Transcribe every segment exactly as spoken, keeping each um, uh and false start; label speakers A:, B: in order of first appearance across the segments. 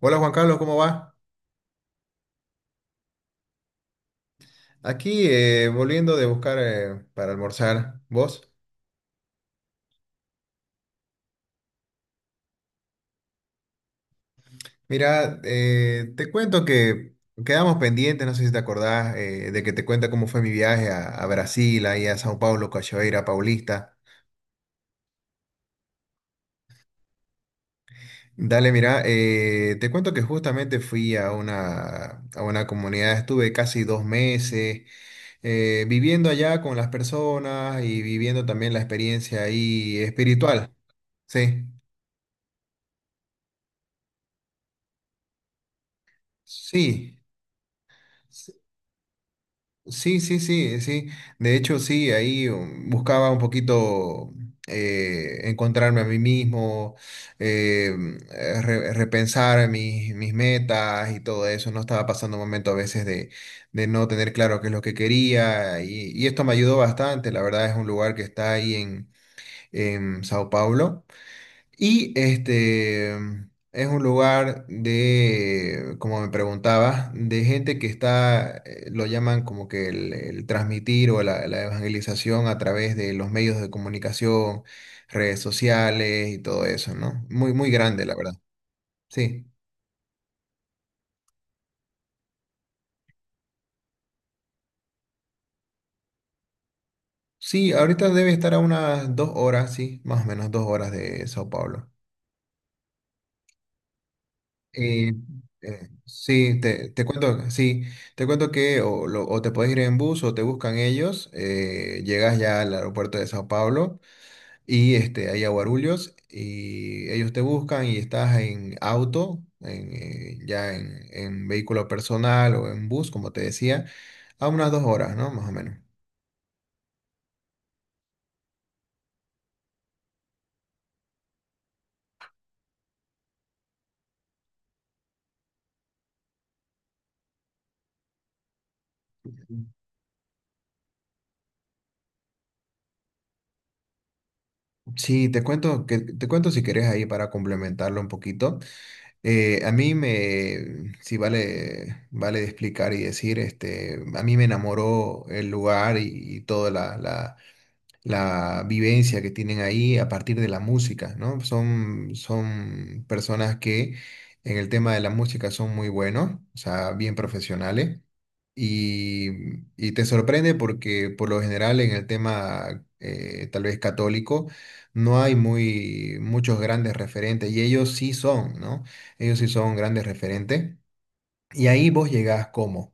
A: Hola Juan Carlos, ¿cómo va? Aquí eh, volviendo de buscar eh, para almorzar. ¿Vos? Mira, eh, te cuento que quedamos pendientes, no sé si te acordás, eh, de que te cuenta cómo fue mi viaje a, a Brasil, ahí a São Paulo, Cachoeira, Paulista. Dale, mira, eh, te cuento que justamente fui a una, a una comunidad, estuve casi dos meses eh, viviendo allá con las personas y viviendo también la experiencia ahí espiritual. Sí, sí. Sí, sí, sí, sí. De hecho, sí, ahí um, buscaba un poquito eh, encontrarme a mí mismo, eh, mm, eh, re- repensar mis, mis metas y todo eso. No estaba pasando un momento a veces de, de no tener claro qué es lo que quería y, y esto me ayudó bastante. La verdad es un lugar que está ahí en, en Sao Paulo y este es un lugar de, como me preguntabas, de gente que está, eh, lo llaman como que el, el transmitir o la, la evangelización a través de los medios de comunicación, redes sociales y todo eso, ¿no? Muy, muy grande, la verdad. Sí. Sí, ahorita debe estar a unas dos horas, sí, más o menos dos horas de Sao Paulo. Y, eh, sí, te, te cuento, sí, te cuento que o, lo- o te puedes ir en bus o te buscan ellos, eh, llegas ya al aeropuerto de Sao Paulo y este, ahí a Guarulhos y ellos te buscan y estás en auto, en, eh, ya en, en vehículo personal o en bus, como te decía, a unas dos horas, ¿no? Más o menos. Sí, te cuento, que, te cuento si querés ahí para complementarlo un poquito. Eh, a mí me, sí vale, vale de explicar y decir, este, a mí me enamoró el lugar y, y toda la, la- la vivencia que tienen ahí a partir de la música, ¿no? Son, son personas que en el tema de la música son muy buenos, o sea, bien profesionales, y, y te sorprende porque por lo general en el tema eh, tal vez católico no hay muy, muchos grandes referentes, y ellos sí son, ¿no? Ellos sí son grandes referentes. Y ahí vos llegás como,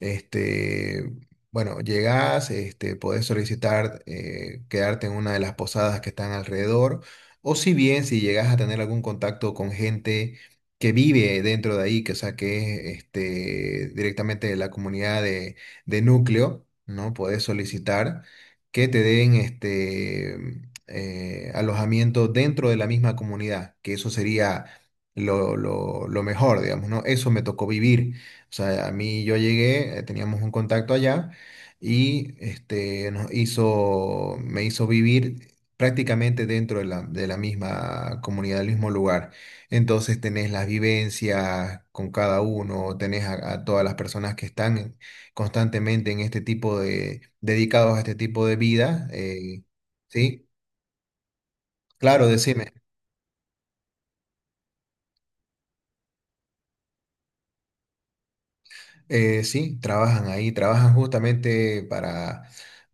A: este, bueno, llegás, este, podés solicitar eh, quedarte en una de las posadas que están alrededor, o si bien si llegás a tener algún contacto con gente que vive dentro de ahí, que o sea, que es este, directamente de la comunidad de, de núcleo, ¿no? Podés solicitar que te den este, eh, alojamiento dentro de la misma comunidad, que eso sería lo, lo, lo mejor, digamos, ¿no? Eso me tocó vivir. O sea, a mí yo llegué, eh, teníamos un contacto allá y este, nos hizo, me hizo vivir prácticamente dentro de la, de la misma comunidad, del mismo lugar. Entonces tenés las vivencias con cada uno, tenés a, a todas las personas que están constantemente en este tipo de, dedicados a este tipo de vida, eh, ¿sí? Claro, decime. Eh, sí, trabajan ahí, trabajan justamente para,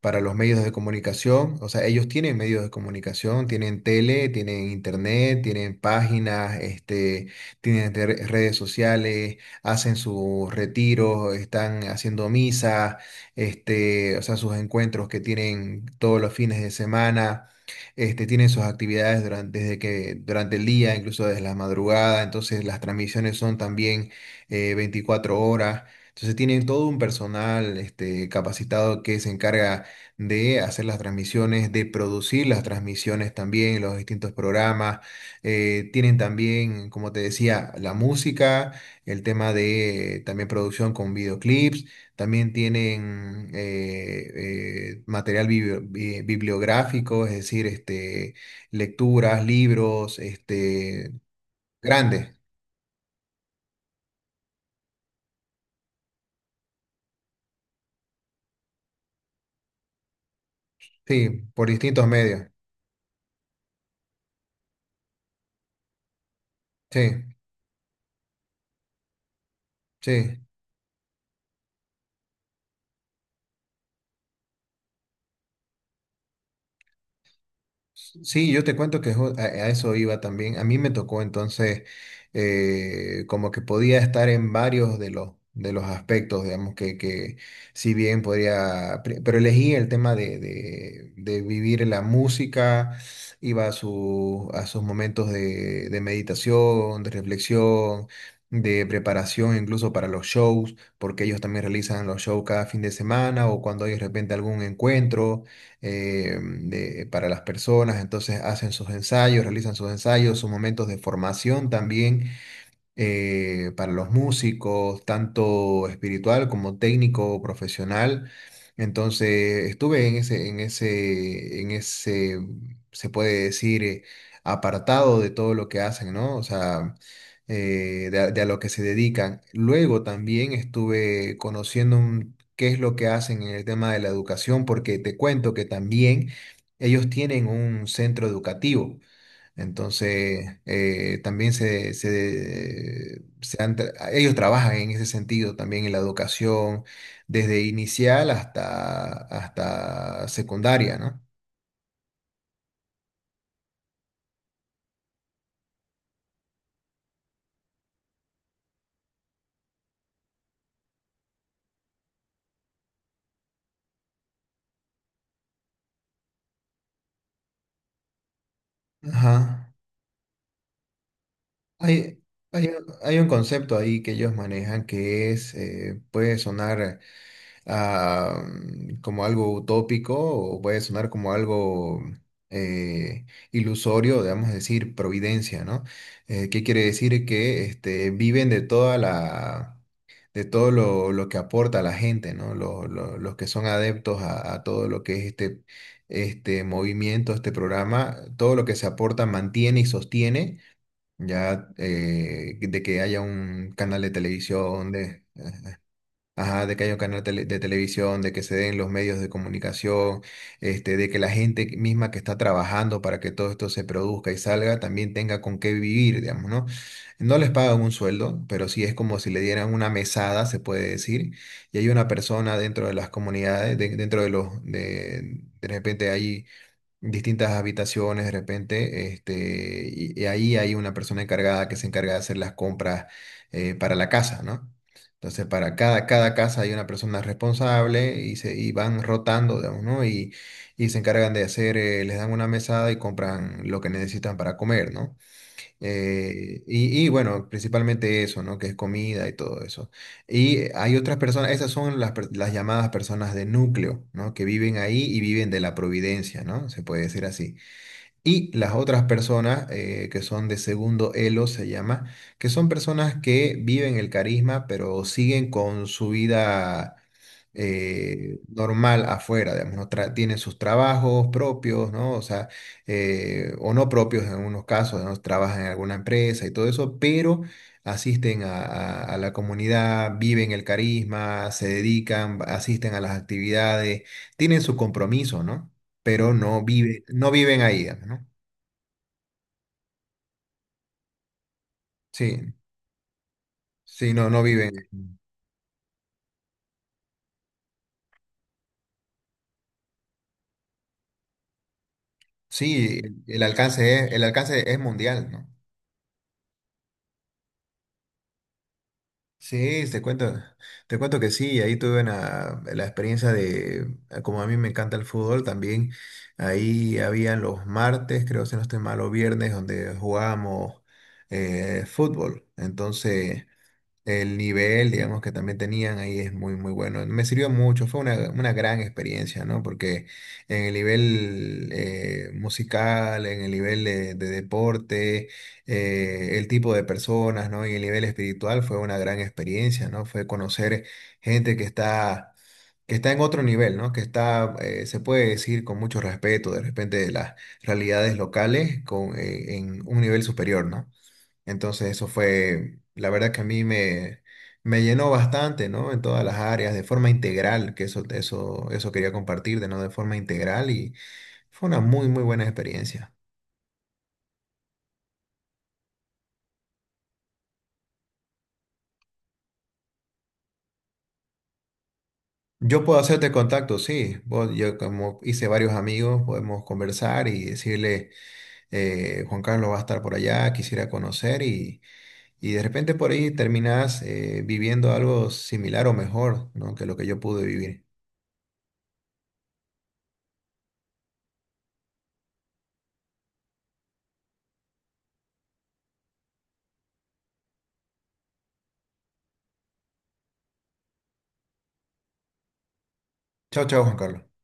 A: para los medios de comunicación. O sea, ellos tienen medios de comunicación, tienen tele, tienen internet, tienen páginas, este, tienen re- redes sociales, hacen sus retiros, están haciendo misa, este, o sea, sus encuentros que tienen todos los fines de semana. Este, tienen sus actividades durante, desde que, durante el día, incluso desde la madrugada, entonces las transmisiones son también eh, veinticuatro horas. Entonces tienen todo un personal este, capacitado que se encarga de hacer las transmisiones, de producir las transmisiones también, los distintos programas. Eh, tienen también, como te decía, la música, el tema de eh, también producción con videoclips. También tienen eh, eh, material bibli- bi- bibliográfico, es decir, este, lecturas, libros, este, grandes, sí, por distintos medios. Sí, sí. Sí, yo te cuento que ju- a, a eso iba también. A mí me tocó entonces eh, como que podía estar en varios de los, de los aspectos, digamos, que, que si bien podría, pre- pero elegí el tema de, de, de vivir la música, iba a, su, a sus momentos de, de meditación, de reflexión, de preparación incluso para los shows, porque ellos también realizan los shows cada fin de semana o cuando hay de repente algún encuentro eh, de- para las personas, entonces hacen sus ensayos, realizan sus ensayos, sus momentos de formación también eh, para los músicos, tanto espiritual como técnico, profesional. Entonces, estuve en ese, en ese, en ese, se puede decir, eh, apartado de todo lo que hacen, ¿no? O sea, eh, de, a de a lo que se dedican. Luego también estuve conociendo un- qué es lo que hacen en el tema de la educación, porque te cuento que también ellos tienen un centro educativo. Entonces, eh, también se, se, se han tra- ellos trabajan en ese sentido también en la educación, desde inicial hasta, hasta secundaria, ¿no? Ajá. Hay, hay, un hay un concepto ahí que ellos manejan que es, eh, puede sonar. Ah, como algo utópico o puede sonar como algo eh, ilusorio, digamos decir, providencia, ¿no? Eh, ¿qué quiere decir? Que este, viven de toda la, de todo lo, lo que aporta la gente, ¿no? Lo- lo- los que son adeptos a, a todo lo que es este, este movimiento, este programa, todo lo que se aporta mantiene y sostiene. Ya eh, de que haya un canal de televisión, de, ajá, de que haya un canal tele- de televisión, de que se den los medios de comunicación, este, de que la gente que- misma que está trabajando para que todo esto se produzca y salga también tenga con qué vivir, digamos, ¿no? No les pagan un sueldo, pero sí es como si le dieran una mesada, se puede decir, y hay una persona dentro de las comunidades, de- dentro de los, de, de repente ahí distintas habitaciones de repente, este, y, y ahí hay una persona encargada que se encarga de hacer las compras eh, para la casa, ¿no? Entonces, para cada, cada casa hay una persona responsable y, se, y van rotando, digamos, ¿no? Y, y se encargan de hacer, eh, les dan una mesada y compran lo que necesitan para comer, ¿no? Eh, y, y bueno, principalmente eso, ¿no? Que es comida y todo eso. Y hay otras personas, esas son las, per- las llamadas personas de núcleo, ¿no? Que viven ahí y viven de la providencia, ¿no? Se puede decir así. Y las otras personas eh, que son de segundo elo se llama, que son personas que viven el carisma, pero siguen con su vida eh, normal afuera, digamos, no tra- tienen sus trabajos propios, ¿no? O sea, eh, o no propios en algunos casos, ¿no? Trabajan en alguna empresa y todo eso, pero asisten a, a- a la comunidad, viven el carisma, se dedican, asisten a las actividades, tienen su compromiso, ¿no? Pero no vive, no viven ahí, digamos, ¿no? Sí, sí, no, no viven. Sí, el el alcance es, el alcance es mundial, ¿no? Sí, te cuento, te cuento que sí, ahí tuve una, la experiencia de, como a mí me encanta el fútbol, también ahí habían los martes, creo si no estoy mal, o viernes, donde jugábamos eh, fútbol. Entonces, el nivel, digamos, que también tenían ahí es muy, muy bueno. Me sirvió mucho, fue una, una gran experiencia, ¿no? Porque en el nivel eh, musical, en el nivel de, de deporte, eh, el tipo de personas, ¿no? Y el nivel espiritual fue una gran experiencia, ¿no? Fue conocer gente que está, que está en otro nivel, ¿no? Que está, eh, se puede decir con mucho respeto, de repente, de las realidades locales con, eh, en un nivel superior, ¿no? Entonces eso fue, la verdad que a mí me, me llenó bastante, ¿no? En todas las áreas, de forma integral, que eso, eso, eso quería compartirte, ¿no? De forma integral y fue una muy, muy buena experiencia. Yo puedo hacerte contacto, sí. Vos- yo como hice varios amigos, podemos conversar y decirle, eh, Juan Carlos va a estar por allá, quisiera conocer y, y de repente por ahí terminás eh, viviendo algo similar o mejor, ¿no? Que lo que yo pude vivir. Chao, chao, Juan Carlos.